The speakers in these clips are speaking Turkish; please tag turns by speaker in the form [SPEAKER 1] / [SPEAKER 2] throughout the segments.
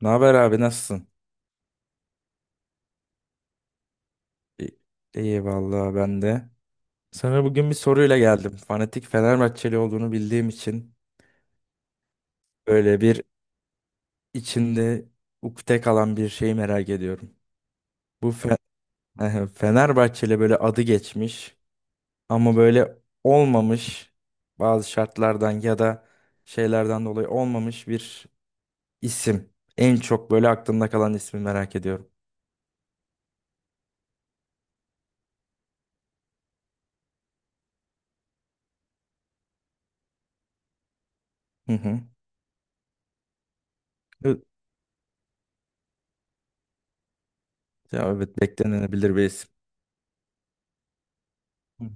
[SPEAKER 1] Ne haber abi, nasılsın? İ- İyi vallahi, ben de. Sana bugün bir soruyla geldim. Fanatik Fenerbahçeli olduğunu bildiğim için böyle bir içinde ukde kalan bir şeyi merak ediyorum. Bu Fe Fenerbahçeli böyle adı geçmiş ama böyle olmamış, bazı şartlardan ya da şeylerden dolayı olmamış bir isim. En çok böyle aklımda kalan ismi merak ediyorum. Hı hı. Ö- Ya evet, beklenebilir bir isim. Hı hı.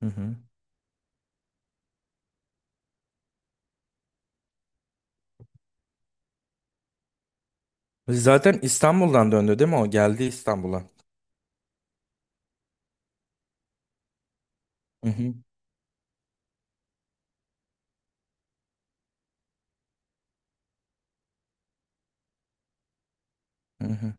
[SPEAKER 1] Hı hı. Zaten İstanbul'dan döndü değil mi o? Geldi İstanbul'a. Hı hı. Hı hı.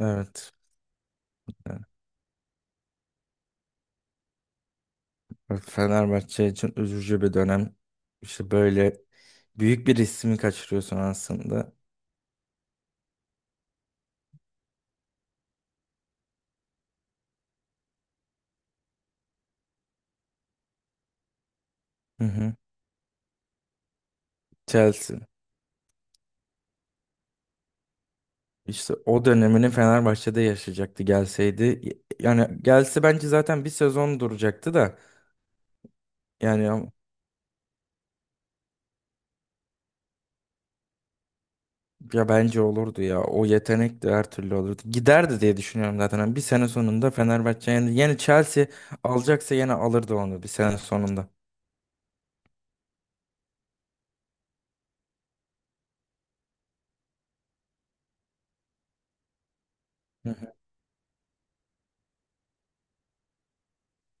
[SPEAKER 1] Evet. Evet, Fenerbahçe için üzücü bir dönem. İşte böyle büyük bir ismi kaçırıyorsun aslında. Hı hı. Chelsea. İşte o dönemini Fenerbahçe'de yaşayacaktı gelseydi. Yani gelse bence zaten bir sezon duracaktı da. Yani ya bence olurdu ya. O yetenek de her türlü olurdu. Giderdi diye düşünüyorum zaten. Hani bir sene sonunda Fenerbahçe yani, yani Chelsea alacaksa yine alırdı onu bir sene sonunda. Hı hı.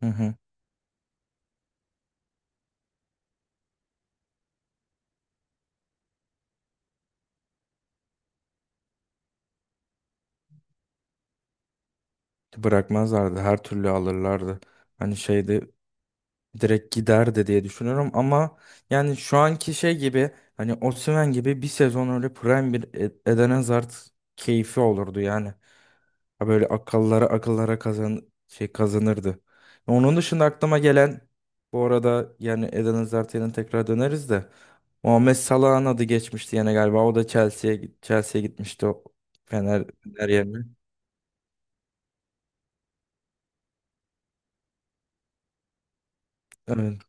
[SPEAKER 1] Hı hı. Bırakmazlardı. Her türlü alırlardı. Hani şeyde direkt giderdi diye düşünüyorum ama yani şu anki şey gibi, hani Osimhen gibi bir sezon öyle prime bir Eden Hazard keyfi olurdu yani. Ha böyle akıllara akıllara kazan şey kazanırdı. Onun dışında aklıma gelen, bu arada yani Eden Hazard'a tekrar döneriz de, Muhammed Salah'ın adı geçmişti yine galiba. O da Chelsea'ye gitmişti o Fener yerine. Evet.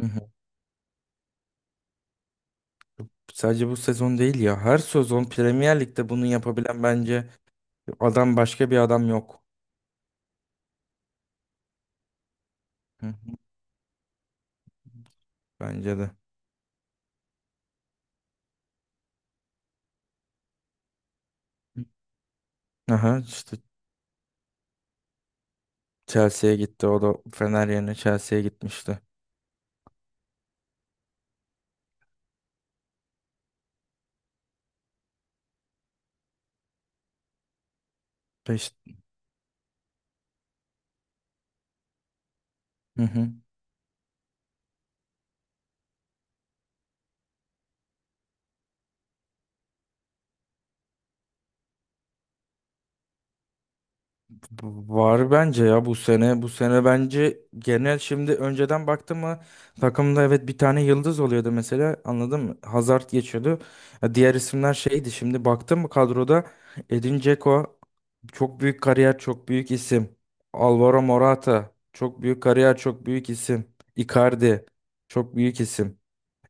[SPEAKER 1] Hı hı. Sadece bu sezon değil ya. Her sezon Premier Lig'de bunu yapabilen bence adam, başka bir adam yok. Hı hı. Bence de. Aha işte Chelsea'ye gitti. O da Fener yerine Chelsea'ye gitmişti. İşte. Hı hı. Var bence ya, bu sene. Bu sene bence genel, şimdi önceden baktım mı, takımda evet bir tane yıldız oluyordu mesela, anladın mı? Hazard geçiyordu. Ya diğer isimler şeydi, şimdi baktım mı kadroda, Edin Dzeko çok büyük kariyer, çok büyük isim. Alvaro Morata çok büyük kariyer, çok büyük isim. Icardi çok büyük isim.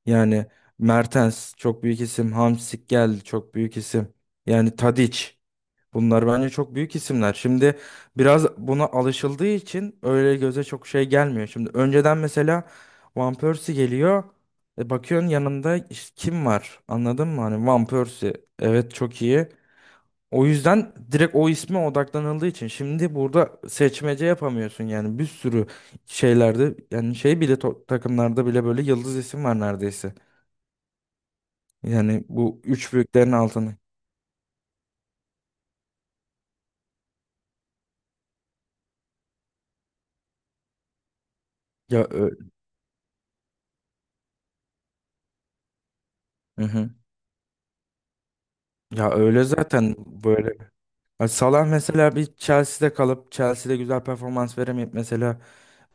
[SPEAKER 1] Yani Mertens çok büyük isim. Hamsik geldi, çok büyük isim. Yani Tadic. Bunlar bence çok büyük isimler. Şimdi biraz buna alışıldığı için öyle göze çok şey gelmiyor. Şimdi önceden mesela Van Persie geliyor. E bakıyorsun yanında işte kim var? Anladın mı? Hani Van Persie. Evet, çok iyi. O yüzden direkt o isme odaklanıldığı için şimdi burada seçmece yapamıyorsun yani, bir sürü şeylerde, yani şey bile takımlarda bile böyle yıldız isim var neredeyse. Yani bu üç büyüklerin altını. Ya, ö- Hı hı. Ya öyle zaten böyle. Hani Salah mesela bir Chelsea'de kalıp Chelsea'de güzel performans veremeyip mesela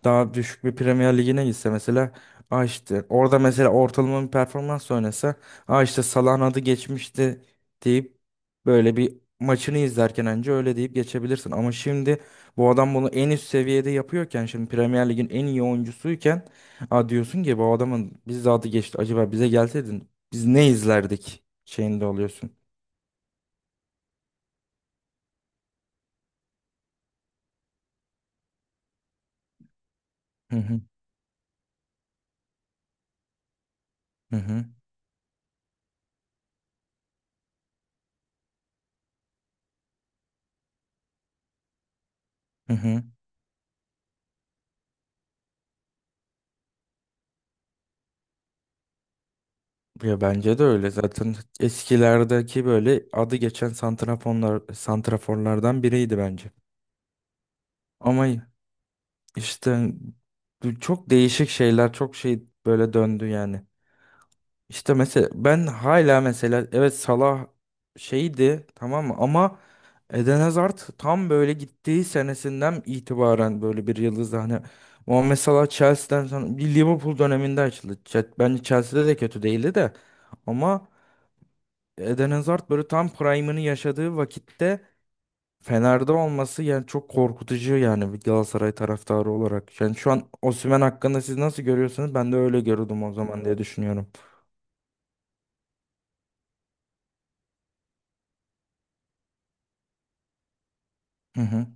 [SPEAKER 1] daha düşük bir Premier Ligi'ne gitse mesela, aa işte orada mesela ortalama bir performans oynasa, aa işte Salah'ın adı geçmişti deyip böyle bir maçını izlerken önce öyle deyip geçebilirsin. Ama şimdi bu adam bunu en üst seviyede yapıyorken, şimdi Premier Lig'in en iyi oyuncusuyken, aa diyorsun ki bu adamın biz adı geçti, acaba bize gelseydin biz ne izlerdik şeyinde oluyorsun. Hı hı hı hı. Hı hı. Ya bence de öyle. Zaten eskilerdeki böyle adı geçen santraforlar, santraforlardan biriydi bence. Ama işte bu çok değişik şeyler, çok şey böyle döndü yani. İşte mesela ben hala mesela evet Salah şeydi tamam mı, ama Eden Hazard tam böyle gittiği senesinden itibaren böyle bir yıldız hani. Muhammed Salah Chelsea'den sonra bir Liverpool döneminde açıldı. Bence Chelsea'de de kötü değildi de ama Eden Hazard böyle tam prime'ını yaşadığı vakitte Fener'de olması yani çok korkutucu yani, bir Galatasaray taraftarı olarak. Yani şu an Osimhen hakkında siz nasıl görüyorsunuz? Ben de öyle görüyordum o zaman diye düşünüyorum. Hı hı.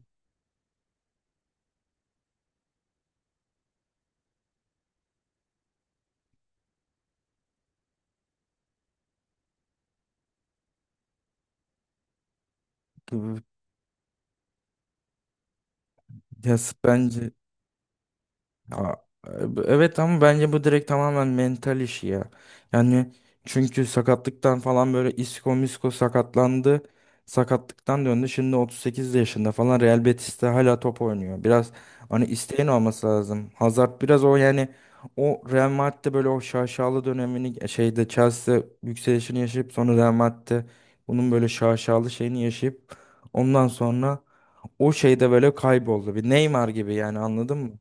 [SPEAKER 1] Bence Aa, e, evet ama bence bu direkt tamamen mental işi ya. Yani çünkü sakatlıktan falan böyle isko misko sakatlandı. Sakatlıktan döndü. Şimdi 38 yaşında falan Real Betis'te hala top oynuyor. Biraz hani isteğin olması lazım. Hazard biraz o yani, o Real Madrid'de böyle o şaşalı dönemini şeyde Chelsea yükselişini yaşayıp sonra Real Madrid'de bunun böyle şaşalı şeyini yaşayıp ondan sonra o şeyde böyle kayboldu. Bir Neymar gibi yani, anladın mı?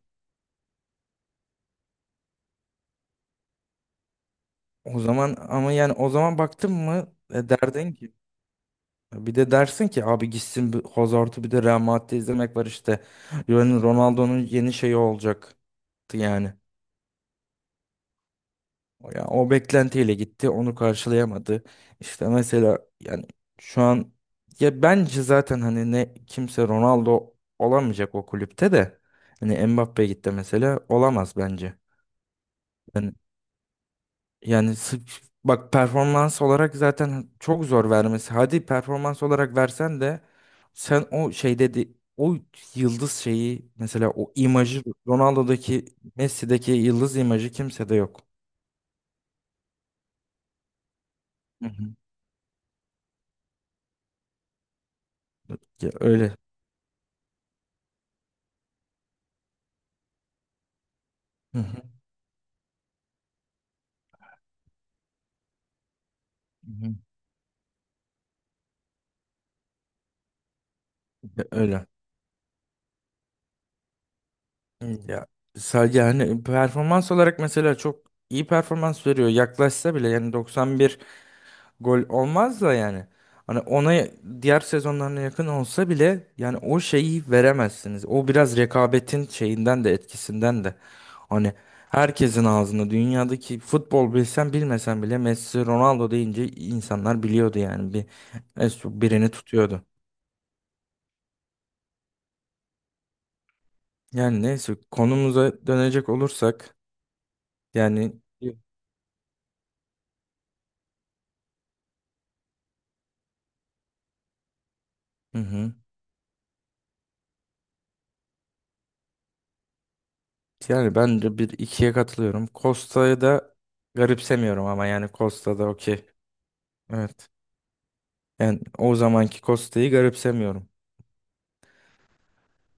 [SPEAKER 1] O zaman ama yani o zaman baktın mı derdin ki, bir de dersin ki abi gitsin, bir Hazard'ı bir de Real Madrid'de izlemek var işte. Yani Ronaldo'nun yeni şeyi olacaktı yani. O, ya o beklentiyle gitti, onu karşılayamadı. İşte mesela yani şu an ya bence zaten hani ne kimse Ronaldo olamayacak o kulüpte de. Hani Mbappe gitti mesela, olamaz bence. Yani yani sırf- bak, performans olarak zaten çok zor vermesi. Hadi performans olarak versen de sen o şey dedi o yıldız şeyi mesela, o imajı Ronaldo'daki, Messi'deki yıldız imajı kimsede yok. Hı hı. Ya öyle. Hı hı. Hı hı. Ya öyle. Hı, ya sadece hani performans olarak mesela çok iyi performans veriyor. Yaklaşsa bile yani 91 gol olmaz da yani. Hani ona diğer sezonlarına yakın olsa bile yani o şeyi veremezsiniz. O biraz rekabetin şeyinden de, etkisinden de. Hani herkesin ağzında dünyadaki futbol, bilsen bilmesen bile Messi Ronaldo deyince insanlar biliyordu yani, birini tutuyordu. Yani neyse, konumuza dönecek olursak yani hı hı. Yani ben de bir ikiye katılıyorum. Costa'yı da garipsemiyorum ama yani Costa da okey. Evet. Yani o zamanki Costa'yı garipsemiyorum.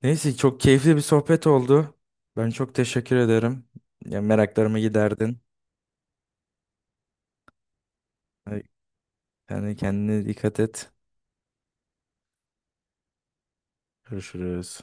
[SPEAKER 1] Neyse, çok keyifli bir sohbet oldu. Ben çok teşekkür ederim. Ya meraklarımı giderdin. Yani kendine dikkat et. Görüşürüz.